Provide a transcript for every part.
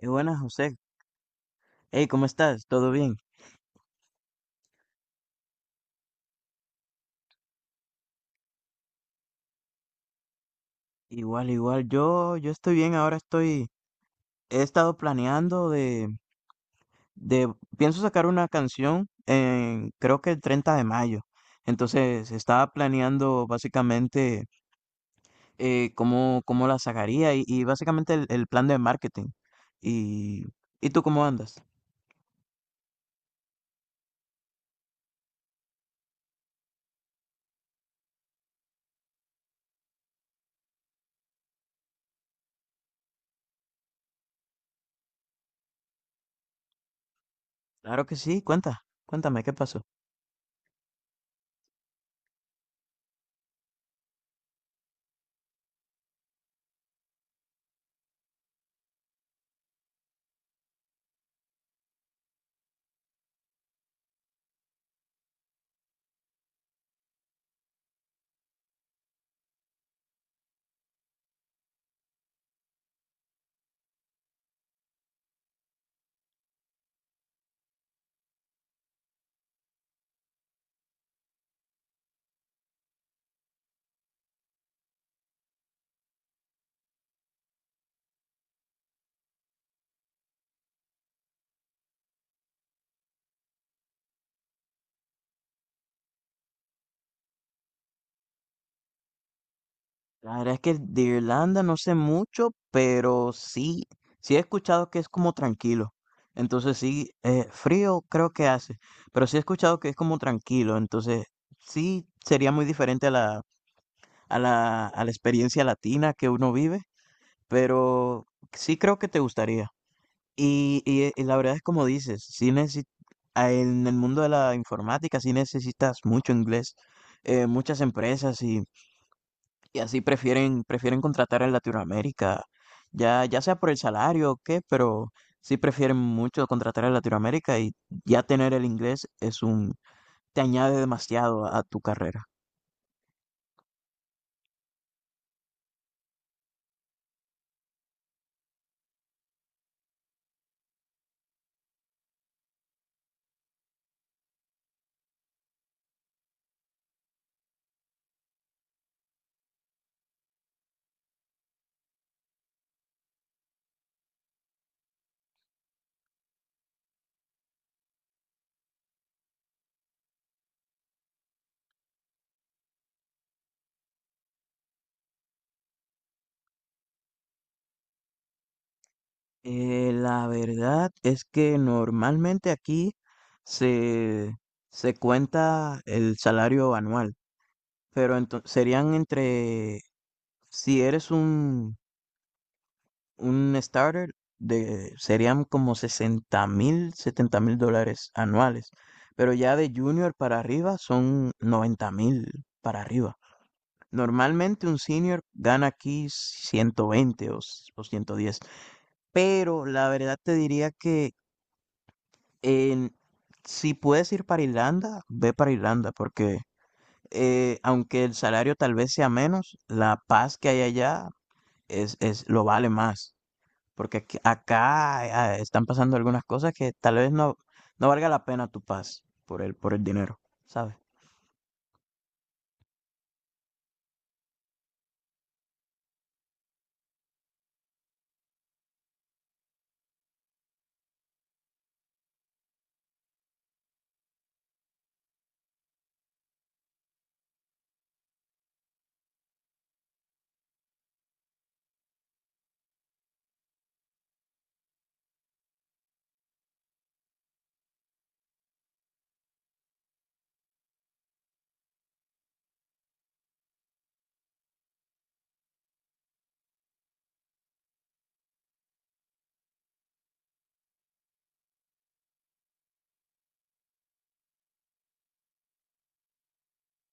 Buenas, José. Hey, ¿cómo estás? ¿Todo bien? Igual, igual. Yo estoy bien. He estado planeando de, pienso sacar una canción en, creo que el 30 de mayo. Entonces, estaba planeando básicamente cómo la sacaría y básicamente el plan de marketing. Y, ¿Y tú cómo andas? Claro que sí. Cuéntame, ¿qué pasó? La verdad es que de Irlanda no sé mucho, pero sí he escuchado que es como tranquilo. Entonces sí, frío creo que hace, pero sí he escuchado que es como tranquilo. Entonces sí sería muy diferente a la experiencia latina que uno vive, pero sí creo que te gustaría. Y la verdad es como dices, en el mundo de la informática sí necesitas mucho inglés. Muchas empresas y así prefieren contratar en Latinoamérica, ya sea por el salario o qué, pero sí prefieren mucho contratar en Latinoamérica y ya tener el inglés te añade demasiado a, tu carrera. La verdad es que normalmente aquí se, se cuenta el salario anual, pero serían entre, si eres un starter, serían como 60.000, 70.000 dólares anuales, pero ya de junior para arriba son 90.000 para arriba. Normalmente un senior gana aquí 120 o 110, pero la verdad te diría, En- si puedes ir para Irlanda, ve para Irlanda, porque aunque el salario tal vez sea menos, la paz que hay allá es lo vale más. Porque acá están pasando algunas cosas que tal vez no valga la pena tu paz por el dinero, ¿sabes?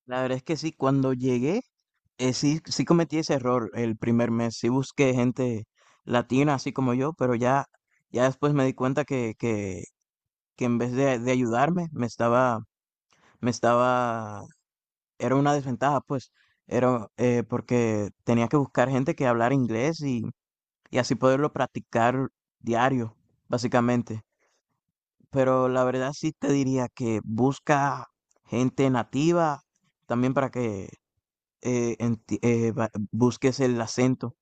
La verdad es que sí, cuando llegué, sí cometí ese error el primer mes. Sí busqué gente latina, así como yo, pero ya después me di cuenta que en vez de ayudarme, me estaba, era una desventaja, pues, era porque tenía que buscar gente que hablara inglés y así poderlo practicar diario, básicamente. Pero la verdad sí te diría que busca gente nativa también para que busques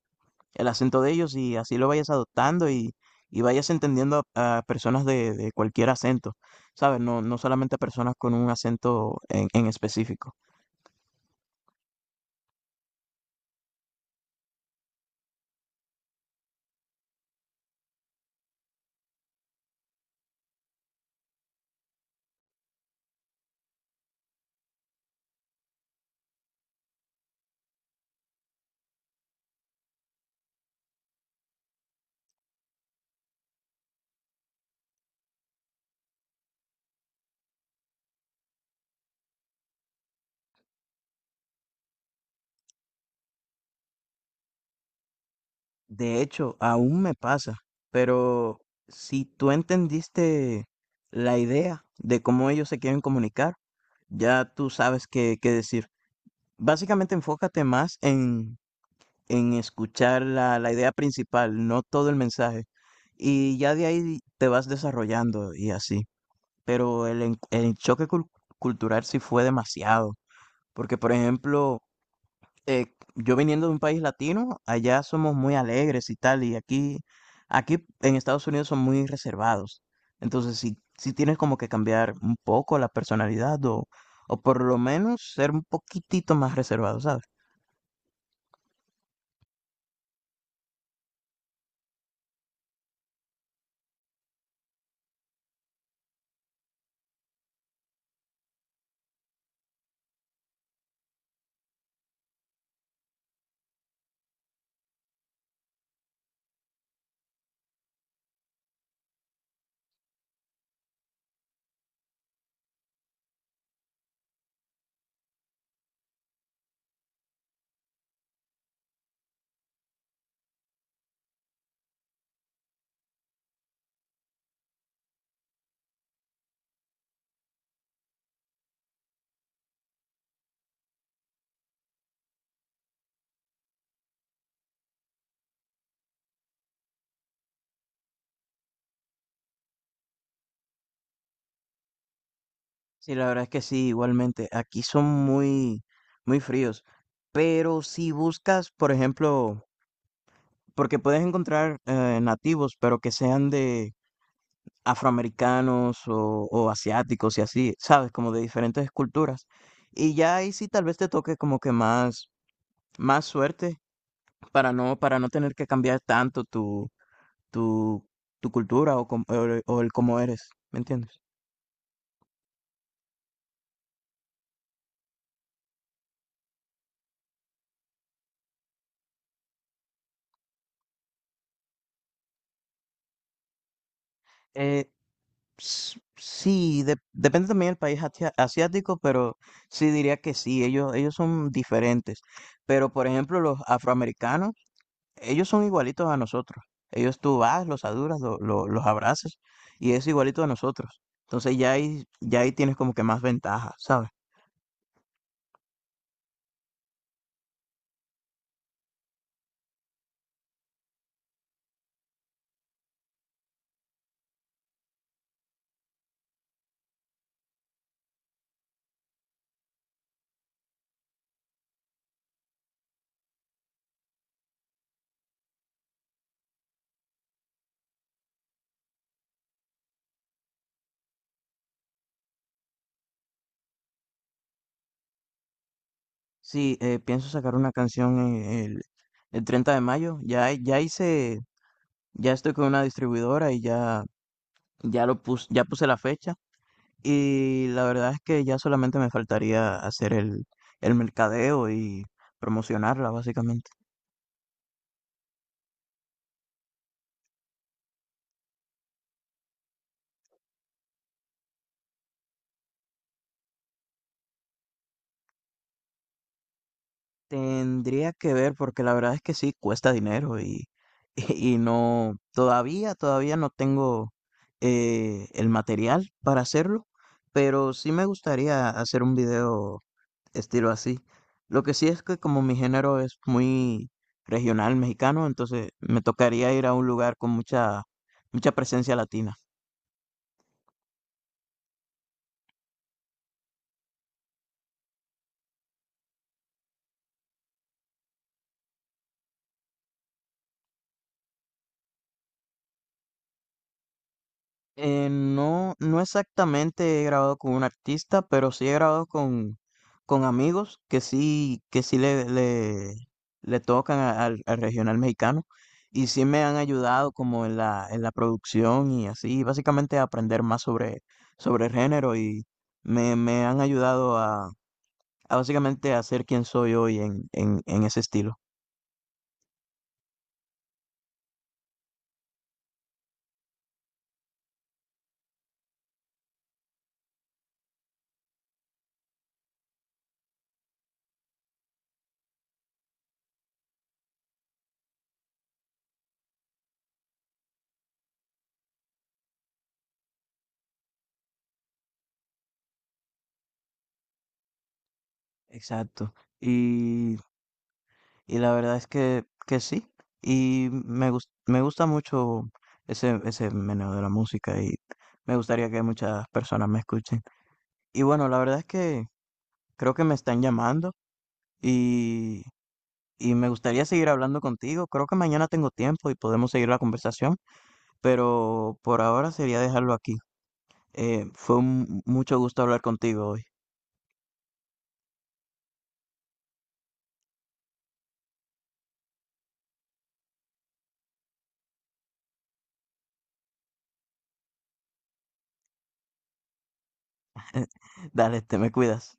el acento de ellos y así lo vayas adoptando y vayas entendiendo a personas de cualquier acento, ¿sabes? No, no solamente a personas con un acento en específico. De hecho, aún me pasa, pero si tú entendiste la idea de cómo ellos se quieren comunicar, ya tú sabes qué decir. Básicamente enfócate más en escuchar la idea principal, no todo el mensaje, y ya de ahí te vas desarrollando y así. Pero el choque cultural sí fue demasiado, porque por ejemplo, eh, yo viniendo de un país latino, allá somos muy alegres y tal, y aquí en Estados Unidos son muy reservados, entonces sí tienes como que cambiar un poco la personalidad o por lo menos ser un poquitito más reservado, ¿sabes? Sí, la verdad es que sí, igualmente, aquí son muy, muy fríos, pero si buscas, por ejemplo, porque puedes encontrar nativos, pero que sean afroamericanos o asiáticos y así, ¿sabes? Como de diferentes culturas. Y ya ahí sí tal vez te toque como que más suerte para no tener que cambiar tanto tu, tu cultura o, o el cómo eres, ¿me entiendes? Eh, sí, depende también del país asiático, pero sí diría que sí, ellos son diferentes. Pero por ejemplo, los afroamericanos, ellos son igualitos a nosotros. Ellos tú vas, los saludas, los abrazas y es igualito a nosotros. Entonces ya ahí tienes como que más ventaja, ¿sabes? Sí, pienso sacar una canción en el, el 30 de mayo. Ya hice, ya estoy con una distribuidora y ya lo puse, ya puse la fecha. Y la verdad es que ya solamente me faltaría hacer el mercadeo y promocionarla, básicamente. Tendría que ver porque la verdad es que sí, cuesta dinero y, y no, todavía no tengo el material para hacerlo, pero sí me gustaría hacer un video estilo así. Lo que sí es que como mi género es muy regional mexicano, entonces me tocaría ir a un lugar con mucha, mucha presencia latina. No, no exactamente he grabado con un artista, pero sí he grabado con amigos que sí le tocan al regional mexicano y sí me han ayudado como en la producción y así, básicamente a aprender más sobre el género y me han ayudado a, básicamente a ser quien soy hoy en ese estilo. Exacto. y Y la verdad es que sí. Y me gusta mucho ese meneo de la música y me gustaría que muchas personas me escuchen. Y bueno, la verdad es que creo que me están llamando y, y me gustaría seguir hablando contigo. Creo que mañana tengo tiempo y podemos seguir la conversación, pero por ahora sería dejarlo aquí. Fue un mucho gusto hablar contigo hoy. Dale, te me cuidas.